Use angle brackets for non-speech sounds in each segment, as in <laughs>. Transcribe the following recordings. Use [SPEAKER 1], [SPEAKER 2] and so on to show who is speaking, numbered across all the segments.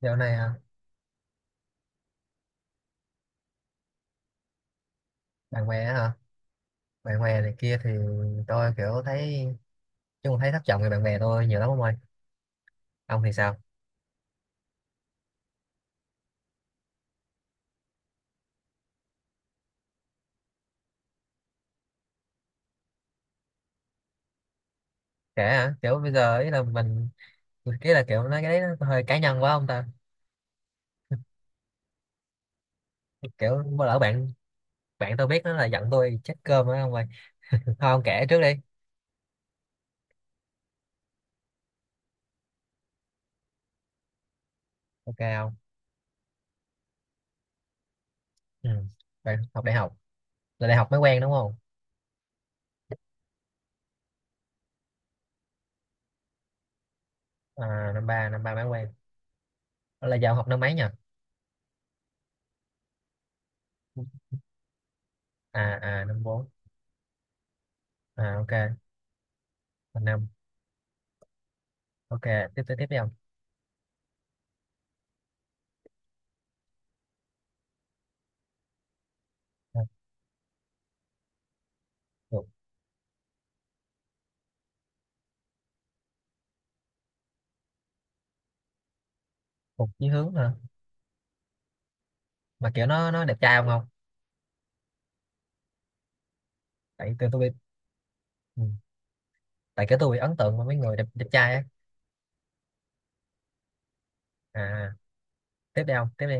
[SPEAKER 1] Dạo này hả? Bạn bè á hả? Bạn bè này kia thì tôi kiểu thấy thất vọng về bạn bè tôi nhiều lắm ông ơi. Ông thì sao? Kể hả? Kiểu bây giờ ý là mình cái là kiểu nói cái đấy nó hơi cá nhân quá ông ta. Kiểu bữa lỡ bạn bạn tôi biết nó là giận tôi chết cơm á ông ơi. Thôi ông kể trước đi. Ok không? Ừ. Bạn học đại học. Là đại học mới quen đúng không? À, năm ba mới quen. Đó là giờ ông học năm mấy nhỉ? Năm bốn. À, ok, năm. Ok, tiếp tiếp tiếp đi ông. À, Phục Phục chí hướng hả? Mà kiểu nó đẹp trai không không? tại tôi tôi bị ừ, tại cái tôi bị ấn tượng với mấy người đẹp trai á. À tiếp đi ông, tiếp đi.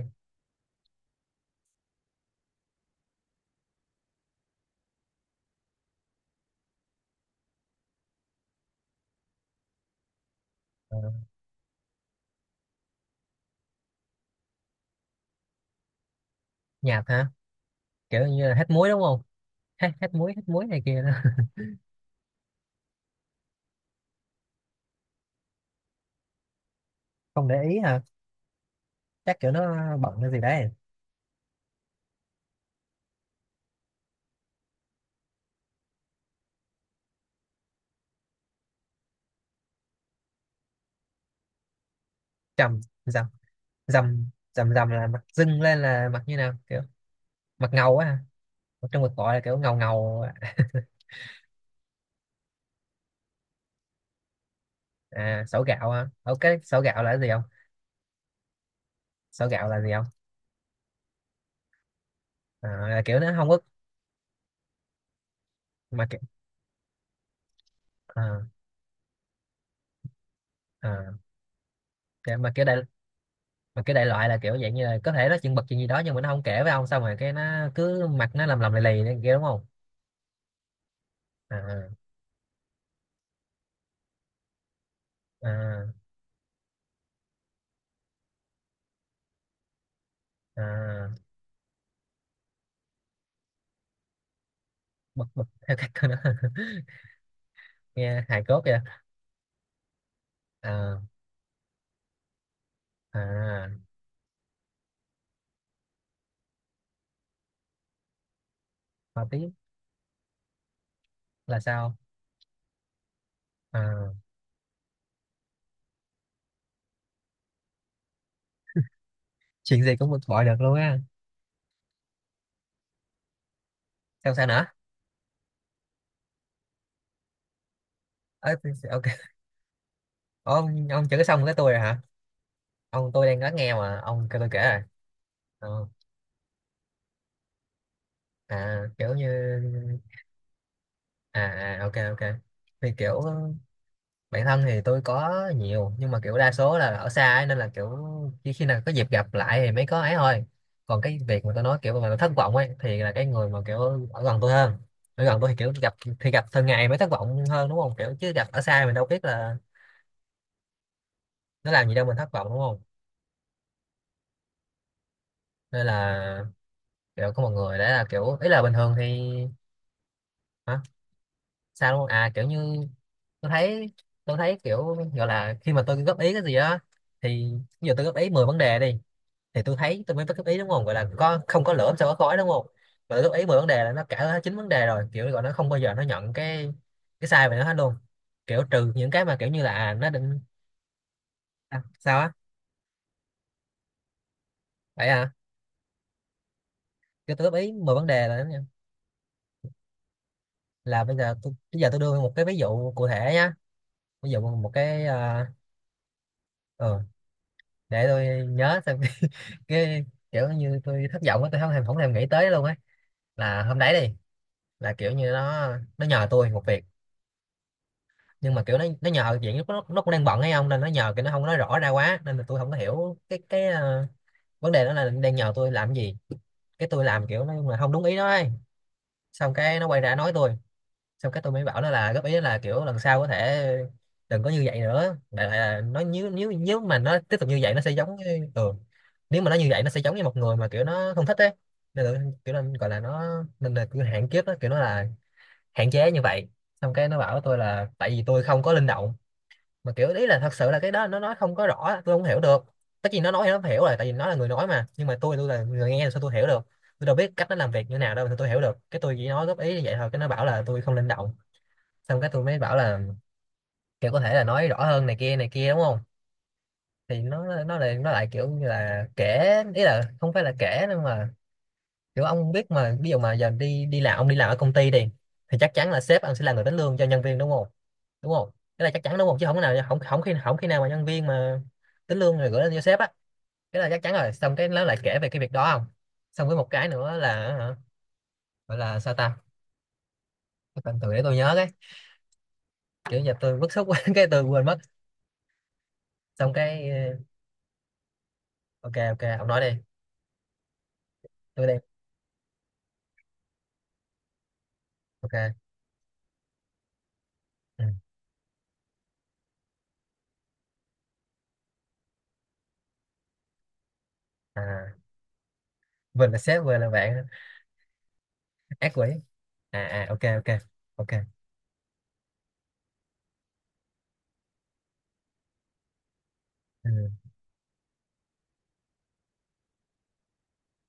[SPEAKER 1] Ờ, nhạt hả? Kiểu như là hết muối đúng không? Hết hết muối hết muối này kia đó. <laughs> Không để ý hả? Chắc kiểu nó bận cái gì đấy. Trầm dầm dầm dầm dầm là mặt dưng lên là mặt như nào kiểu? Mặt ngầu á hả? Ở trong cuộc gọi là kiểu ngầu ngầu. Sổ gạo hả? Cái sổ gạo là cái gì không? Sổ gạo là gì không? Là kiểu nó không có. Mà kiểu à, à, kiểu- Mà cái đại loại là kiểu dạng như là có thể nó chuyện bật chuyện gì đó nhưng mà nó không kể với ông xong rồi cái nó cứ mặt nó lầm lầm lì lì này kia đúng không? À, à, à, bật bật theo cách của nó. <laughs> Nghe hài cốt kìa. À, à, mà tiếp là sao? À, chuyện gì cũng bực bội được luôn á? Sao sao nữa? Ờ, ok. Ông chữ xong cái tôi rồi hả? Ông, tôi đang lắng nghe mà ông kêu tôi kể rồi. Ờ, kiểu như ok ok thì kiểu bạn thân thì tôi có nhiều nhưng mà kiểu đa số là ở xa ấy, nên là kiểu chỉ khi nào có dịp gặp lại thì mới có ấy thôi. Còn cái việc mà tôi nói kiểu mà thất vọng ấy thì là cái người mà kiểu ở gần tôi hơn. Ở gần tôi thì kiểu gặp thì gặp thường ngày mới thất vọng hơn đúng không? Kiểu chứ gặp ở xa mình đâu biết là nó làm gì đâu, mình thất vọng đúng không? Nên là kiểu có một người đấy là kiểu ý là bình thường thì hả, sao đúng không? Kiểu như tôi thấy, tôi thấy kiểu gọi là khi mà tôi góp ý cái gì đó thì bây giờ tôi góp ý 10 vấn đề đi, thì tôi thấy tôi mới góp ý đúng không, gọi là có không có lửa sao có khói đúng không? Mà tôi góp ý 10 vấn đề là nó cả chín vấn đề rồi kiểu gọi nó không bao giờ nó nhận cái sai về nó hết luôn. Kiểu trừ những cái mà kiểu như là nó định. Sao á? Vậy à? Kiểu tôi góp ý 10 vấn đề là bây giờ tôi đưa một cái ví dụ cụ thể nhá. Ví dụ một cái ừ, để tôi nhớ xem. <laughs> Cái kiểu như tôi thất vọng á, tôi không thèm nghĩ tới luôn ấy. Là hôm đấy đi, là kiểu như nó nhờ tôi một việc. Nhưng mà kiểu nó nhờ chuyện nó cũng đang bận hay không nên nó nhờ cái nó không nói rõ ra quá nên là tôi không có hiểu cái vấn đề đó là đang nhờ tôi làm cái gì. Cái tôi làm kiểu nó là không đúng ý nó ấy. Xong cái nó quay ra nói tôi. Xong cái tôi mới bảo nó là góp ý là kiểu lần sau có thể đừng có như vậy nữa, đại loại là nó, nếu nếu nếu mà nó tiếp tục như vậy nó sẽ giống như ừ. Nếu mà nó như vậy nó sẽ giống như một người mà kiểu nó không thích ấy nên là, kiểu là gọi là nó, nên là kiểu hạn kiếp đó kiểu nó là hạn chế như vậy. Xong cái nó bảo tôi là tại vì tôi không có linh động, mà kiểu ý là thật sự là cái đó nó nói không có rõ tôi không hiểu được. Tất nhiên nó nói thì nó phải hiểu rồi tại vì nó là người nói mà, nhưng mà tôi là người nghe thì sao tôi hiểu được? Tôi đâu biết cách nó làm việc như nào đâu thì tôi hiểu được? Cái tôi chỉ nói góp ý như vậy thôi cái nó bảo là tôi không linh động. Xong cái tôi mới bảo là kiểu có thể là nói rõ hơn này kia đúng không? Thì nó nó lại kiểu như là kể, ý là không phải là kể nhưng mà kiểu ông biết mà, ví dụ mà giờ đi đi làm, ông đi làm ở công ty đi thì chắc chắn là sếp ông sẽ là người tính lương cho nhân viên đúng không? Đúng không? Cái là chắc chắn đúng không, chứ không có nào không không khi nào mà nhân viên mà tính lương rồi gửi lên cho sếp á? Cái là chắc chắn rồi xong cái nó lại kể về cái việc đó không? Xong với một cái nữa là hả, gọi là sao ta? Cái tên từ để tôi nhớ cái kiểu giờ tôi bức xúc quá <laughs> cái tôi quên mất. Xong cái ok ok ông nói đi. Tôi đi ok. Ừ. à Vinh là sếp Vinh là bạn. Ác quỷ. À à, ok ok. Ok. Ừ.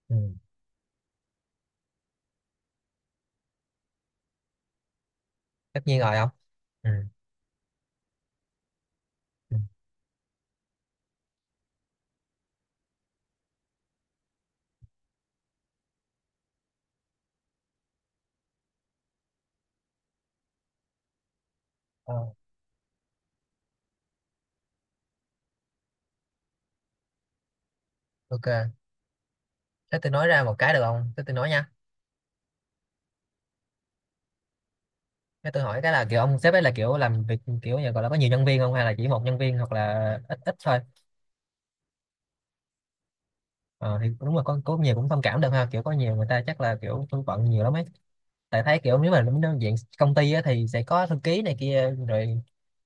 [SPEAKER 1] Ừ. Tất nhiên rồi, không? Ừ. Ừ. Ờ, ok. Thế tôi nói ra một cái được không? Thế tôi nói nha. Thế tôi hỏi cái là kiểu ông sếp ấy là kiểu làm việc kiểu như gọi là có nhiều nhân viên không, hay là chỉ một nhân viên hoặc là ít ít thôi? Ờ, thì đúng là có nhiều cũng thông cảm được ha, kiểu có nhiều người ta chắc là kiểu tôi bận nhiều lắm ấy. Tại thấy kiểu nếu mà đến diện công ty á, thì sẽ có thư ký này kia rồi,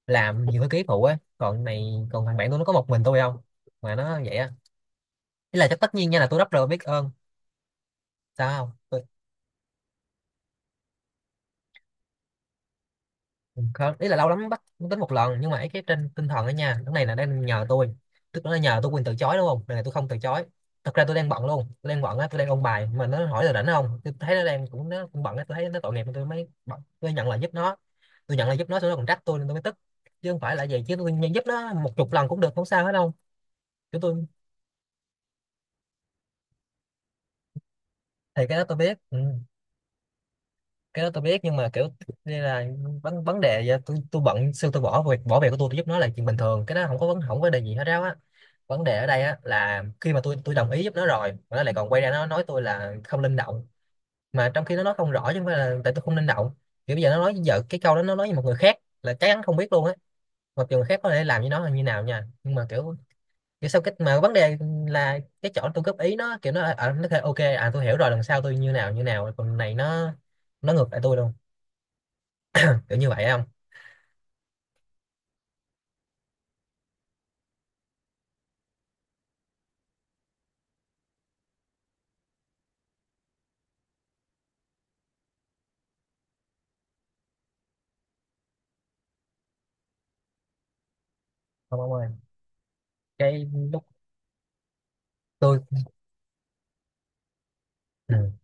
[SPEAKER 1] làm nhiều thư ký phụ ấy, còn này còn thằng bạn tôi nó có một mình tôi không mà nó vậy á. Ý là chắc tất nhiên nha là tôi rất là biết ơn. Sao không? Ừ, không ý là lâu lắm mới bắt mới tính một lần, nhưng mà ấy cái trên tinh thần đó nha, cái này là đang nhờ tôi, tức nó nhờ tôi quyền từ chối đúng không, lần này là tôi không từ chối. Thật ra tôi đang bận luôn, tôi đang bận á, tôi đang ôn bài mà nó hỏi là rảnh không, tôi thấy nó đang cũng nó cũng bận á, tôi thấy nó tội nghiệp tôi mới bận. Tôi nhận lời giúp nó. Tôi nhận lời giúp nó xong nó còn trách tôi nên tôi mới tức. Chứ không phải là vậy, chứ tôi nhận giúp nó một chục lần cũng được không sao hết đâu. Chứ tôi thì cái đó tôi biết. Ừ. Cái đó tôi biết nhưng mà kiểu đây là vấn vấn đề, vậy tôi bận xưa tôi bỏ việc của tôi giúp nó là chuyện bình thường, cái đó không có vấn không có đề gì hết ráo á. Vấn đề ở đây á là khi mà tôi đồng ý giúp nó rồi mà nó lại còn quay ra nó nói tôi là không linh động. Mà trong khi nó nói không rõ chứ không phải là tại tôi không linh động. Kiểu bây giờ nó nói giờ cái câu đó nó nói với một người khác là chắc chắn không biết luôn á. Mặc dù người khác có thể làm với nó là như nào nha, nhưng mà kiểu, kiểu sao cái mà vấn đề là cái chỗ tôi góp ý, nó kiểu nó nó kêu ok, à tôi hiểu rồi lần sau tôi như nào như nào, còn này nó ngược lại tôi luôn, kiểu như vậy không? Không ông ơi. Cái lúc tôi ừ.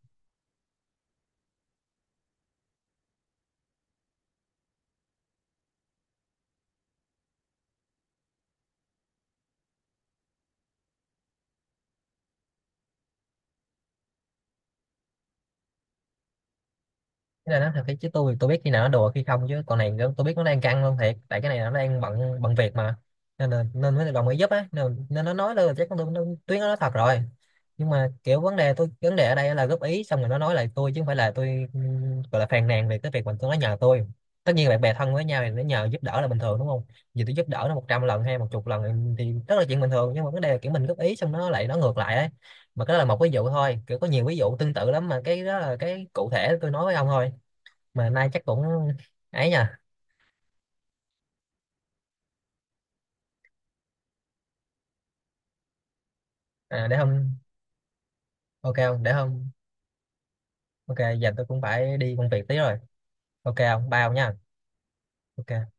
[SPEAKER 1] Cái này nó thật cái chứ tôi thì tôi biết khi nào nó đùa khi không, chứ còn này nó- tôi biết nó đang căng luôn thiệt tại cái này nó đang bận bận việc mà. Nên là nên mới đồng ý giúp á, nên, nên nó nói là chắc tôi- nó- tuyến nó nói thật rồi. Nhưng mà kiểu vấn đề tôi vấn đề ở đây là góp ý xong rồi nó nói lại tôi chứ không phải là tôi gọi là phàn nàn về cái việc mà tôi nó nhờ tôi. Tất nhiên bạn bè thân với nhau thì nó nhờ giúp đỡ là bình thường đúng không? Vì tôi giúp đỡ nó 100 lần hay một chục lần thì rất là chuyện bình thường, nhưng mà vấn đề là kiểu mình góp ý xong nó lại nó ngược lại ấy. Mà cái đó là một ví dụ thôi, kiểu có nhiều ví dụ tương tự lắm mà cái đó là cái cụ thể tôi nói với ông thôi á. Mà nay chắc cũng ấy nha. Để hôm. Ok, không để hôm. Ok, giờ tôi cũng phải đi công việc tí rồi. Ok không bao nha. Ok.